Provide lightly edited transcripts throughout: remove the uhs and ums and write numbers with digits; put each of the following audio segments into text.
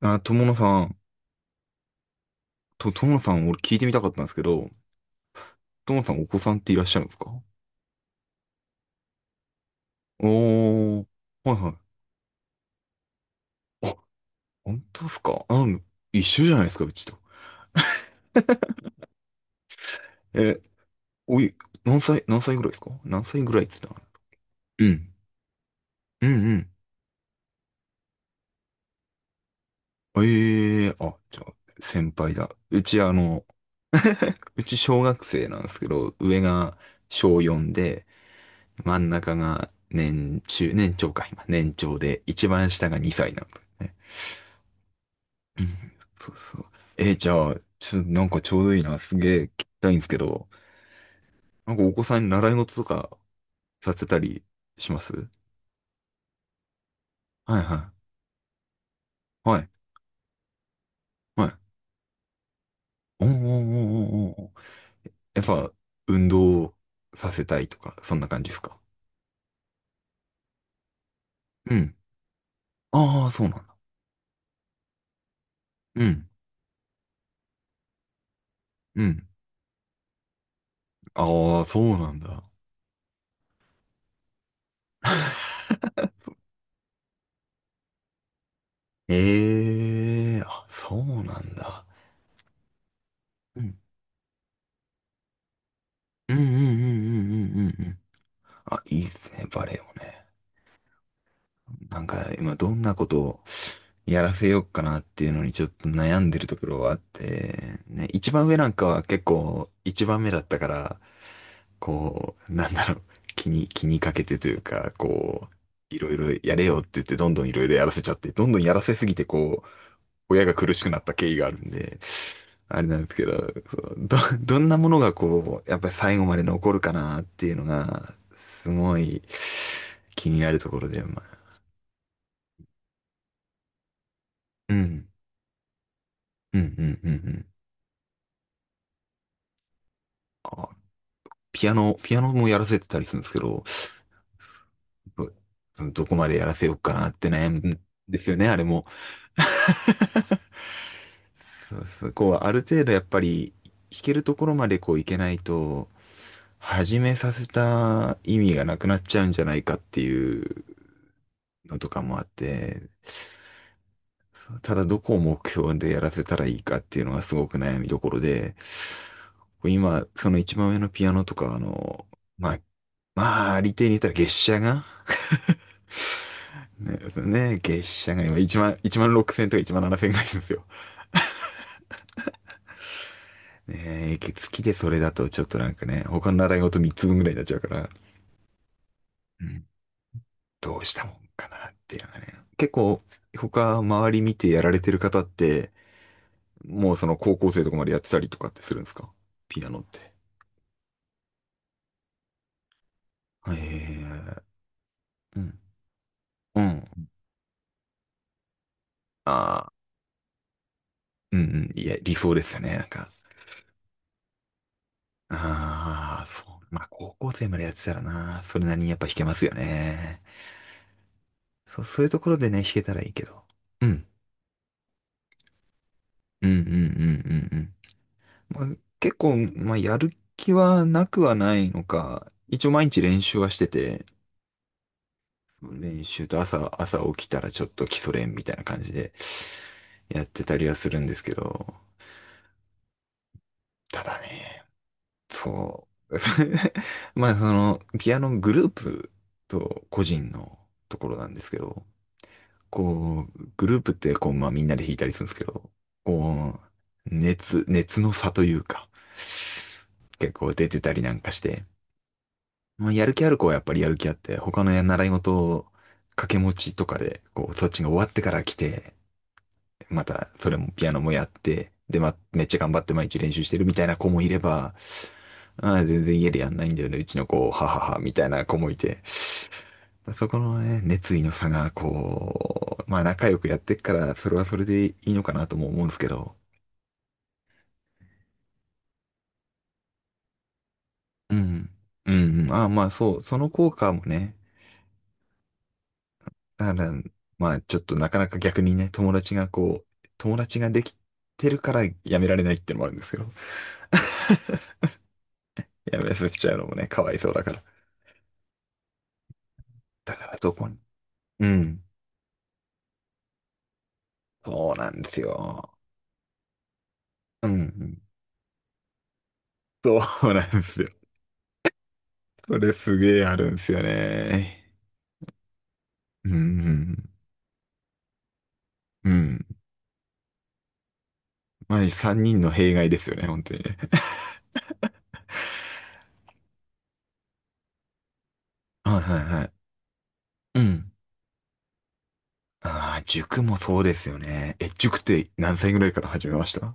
あ、友野さん、俺聞いてみたかったんですけど、友野さんお子さんっていらっしゃるんですか？おー、はいはい。あ、本当ですかあ？一緒じゃないですか、うちと。え、おい、何歳ぐらいですか？何歳ぐらいっつったの？うん、うん。うんうん。ええー、あ、じゃあ、先輩だ。うち小学生なんですけど、上が小4で、真ん中が年中、年長か、今、年長で、一番下が2歳なんですね。うん。そうそう。じゃあ、なんかちょうどいいな。すげえ聞きたいんですけど、なんかお子さんに習い事とかさせたりします？はいはい。はい。はい。おーおーおーおーおー。やっぱ、運動させたいとか、そんな感じですか？うん。ああ、そうなんだ。うん。うん。ああ、そうなんだ。ええー、あ、そうなんだ。うん。うんうんうんうんうんうんうん。あ、いいっすね、バレエもね。なんか、今どんなことを、やらせようかなっていうのにちょっと悩んでるところはあって、ね、一番上なんかは結構一番目だったから、こう、なんだろう、気にかけてというか、こう、いろいろやれよって言ってどんどんいろいろやらせちゃって、どんどんやらせすぎてこう、親が苦しくなった経緯があるんで、あれなんですけど、そうどんなものがこう、やっぱり最後まで残るかなっていうのが、すごい気になるところで、まあ、うん、うん、うん、うん、うん。ピアノもやらせてたりするんですけど、どこまでやらせようかなって悩むんですよね、あれも。そうそう、こう、ある程度やっぱり、弾けるところまでこういけないと、始めさせた意味がなくなっちゃうんじゃないかっていうのとかもあって、そうただどこを目標でやらせたらいいかっていうのがすごく悩みどころで、今、その一番上のピアノとか、まあ、まあ、利点に言ったら月謝が、 ね、月謝が今1万、1万6000とか1万7000ぐらいするんですよ。ねえ、月でそれだとちょっとなんかね、他の習い事3つ分ぐらいになっちゃうから、うん、どうしたもんかなっていうのがね。結構、他周り見てやられてる方って、もうその高校生とかまでやってたりとかってするんですか？ピアノって。ええ。うん。うん。ああ、うんうん。いや、理想ですよね。なんか。ああ、そう。まあ、高校生までやってたらな、それなりにやっぱ弾けますよね。そう、そういうところでね、弾けたらいいけど。うん。うんうんうんうんうん。まあ、結構、まあ、やる気はなくはないのか、一応毎日練習はしてて、練習と朝起きたらちょっと基礎練みたいな感じでやってたりはするんですけど、ただね、そう。まあ、その、ピアノグループと個人のところなんですけど、こう、グループってこう、まあみんなで弾いたりするんですけど、こう、熱の差というか、結構出てたりなんかして、まあやる気ある子はやっぱりやる気あって、他の習い事を掛け持ちとかで、こう、そっちが終わってから来て、またそれもピアノもやって、で、まあ、めっちゃ頑張って毎日練習してるみたいな子もいれば、ああ、全然家でやんないんだよね、うちの子、ははは、みたいな子もいて、そこのね、熱意の差が、こう、まあ仲良くやってっから、それはそれでいいのかなとも思うんですけど。うん。うん、うん。ああ、まあそう、その効果もね、だから、まあちょっとなかなか逆にね、友達ができてるからやめられないってのもあるんですけど。やめさせちゃうのもね、かわいそうだから。だからどこに。うん。そうなんですよ。うんうん。そうなんですよ。これすげえあるんですよね。うんうん。うん。まあ、三人の弊害ですよね、本当にね。はいはいはい。うん。ああ、塾もそうですよね。え、塾って何歳ぐらいから始めました？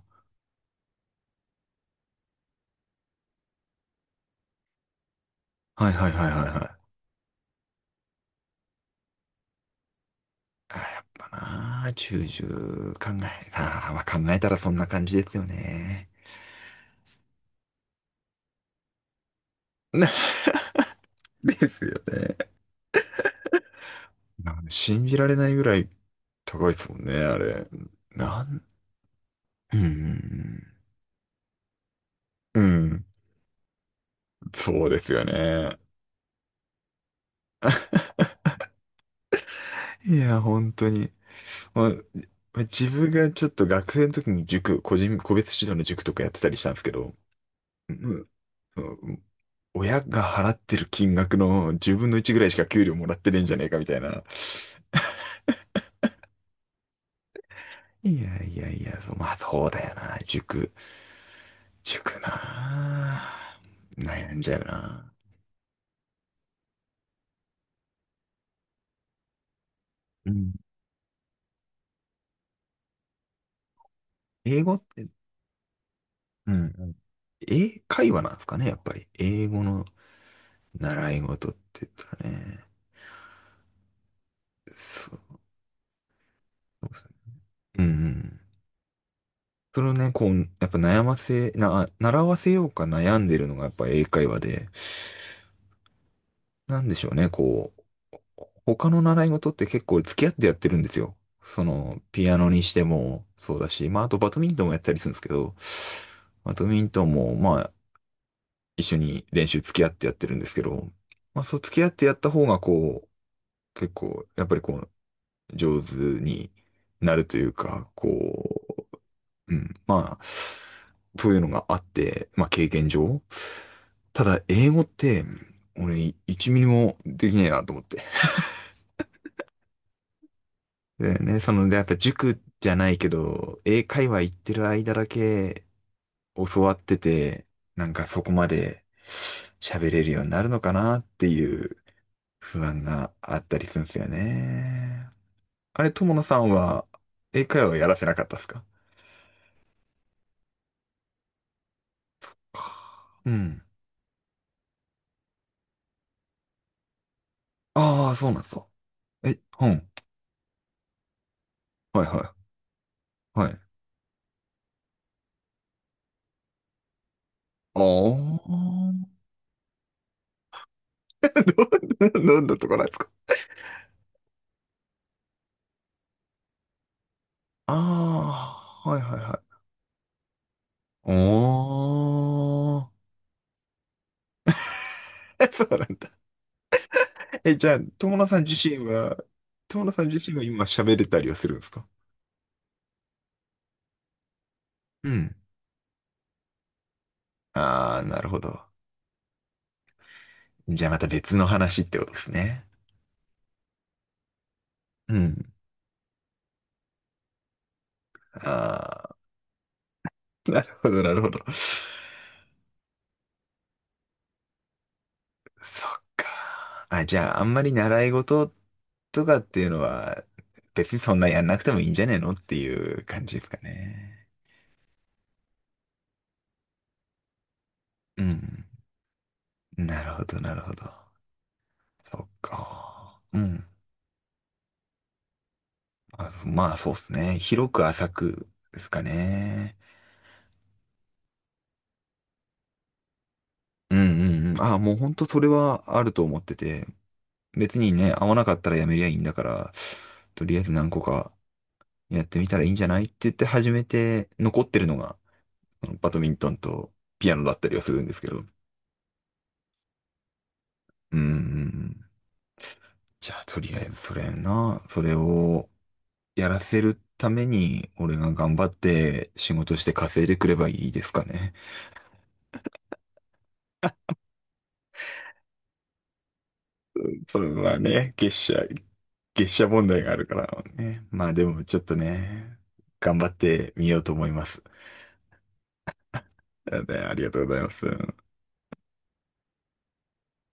はいはいはいはいはい。あーやっぱなあ、重々考え、ああ、まあ、考えたらそんな感じですよね。な、 ですよね。信じられないぐらい高いですもんね、あれ。なん、うん、うん、うん。そうですよね。いや、本当に。まあ自分がちょっと学生の時に塾、個別指導の塾とかやってたりしたんですけど、うんうん。親が払ってる金額の十分の一ぐらいしか給料もらってねえんじゃねえかみたいな。いやいやいや、そうまあそうだよな。塾、なあ。悩んじゃうな。うん。英語って、うん。うん。英会話なんですかね、やっぱり。英語の習い事って言ったらね。そう、そうですね。うんうん。そのね、こう、やっぱ悩ませ、な、習わせようか悩んでるのがやっぱ英会話で、なんでしょうね、こう、他の習い事って結構付き合ってやってるんですよ。その、ピアノにしてもそうだし、まあ、あとバドミントンもやったりするんですけど、バドミントンも、まあ、一緒に練習付き合ってやってるんですけど、まあ、そう付き合ってやった方が、こう、結構、やっぱりこう、上手になるというか、こう、うん。まあ、そういうのがあって、まあ経験上。ただ、英語って、俺、1ミリもできねえなと思って。でね、その、で、やっぱ塾じゃないけど、英会話行ってる間だけ教わってて、なんかそこまで喋れるようになるのかなっていう不安があったりするんですよね。あれ、友野さんは英会話やらせなかったですか？うん。ああ、そうなんですか。え、うん。はいはいはい。ああ。どんなところなんですか？ああー、はいはいはい。おー。そうなんだ。え、じゃあ、友野さん自身は、今喋れたりはするんですか？うん。ああー、なるほど。じゃあまた別の話ってことですね。うん。ああ、なるほど、なるほど。そっか。あ、じゃあ、あんまり習い事とかっていうのは、別にそんなやんなくてもいいんじゃねえのっていう感じですかね？うん。なるほど、なるほど。そっか。うん。あ、まあ、そうっすね。広く浅くですかね。うんうんうん。あ、もう本当それはあると思ってて、別にね、合わなかったらやめりゃいいんだから、とりあえず何個かやってみたらいいんじゃないって言って始めて、残ってるのが、あのバドミントンとピアノだったりはするんですけど。うんうんうん。じゃあ、とりあえずそれを、やらせるために、俺が頑張って仕事して稼いでくればいいですかね。それはね、月謝問題があるからね。まあでもちょっとね、頑張ってみようと思います。でありがとうございます。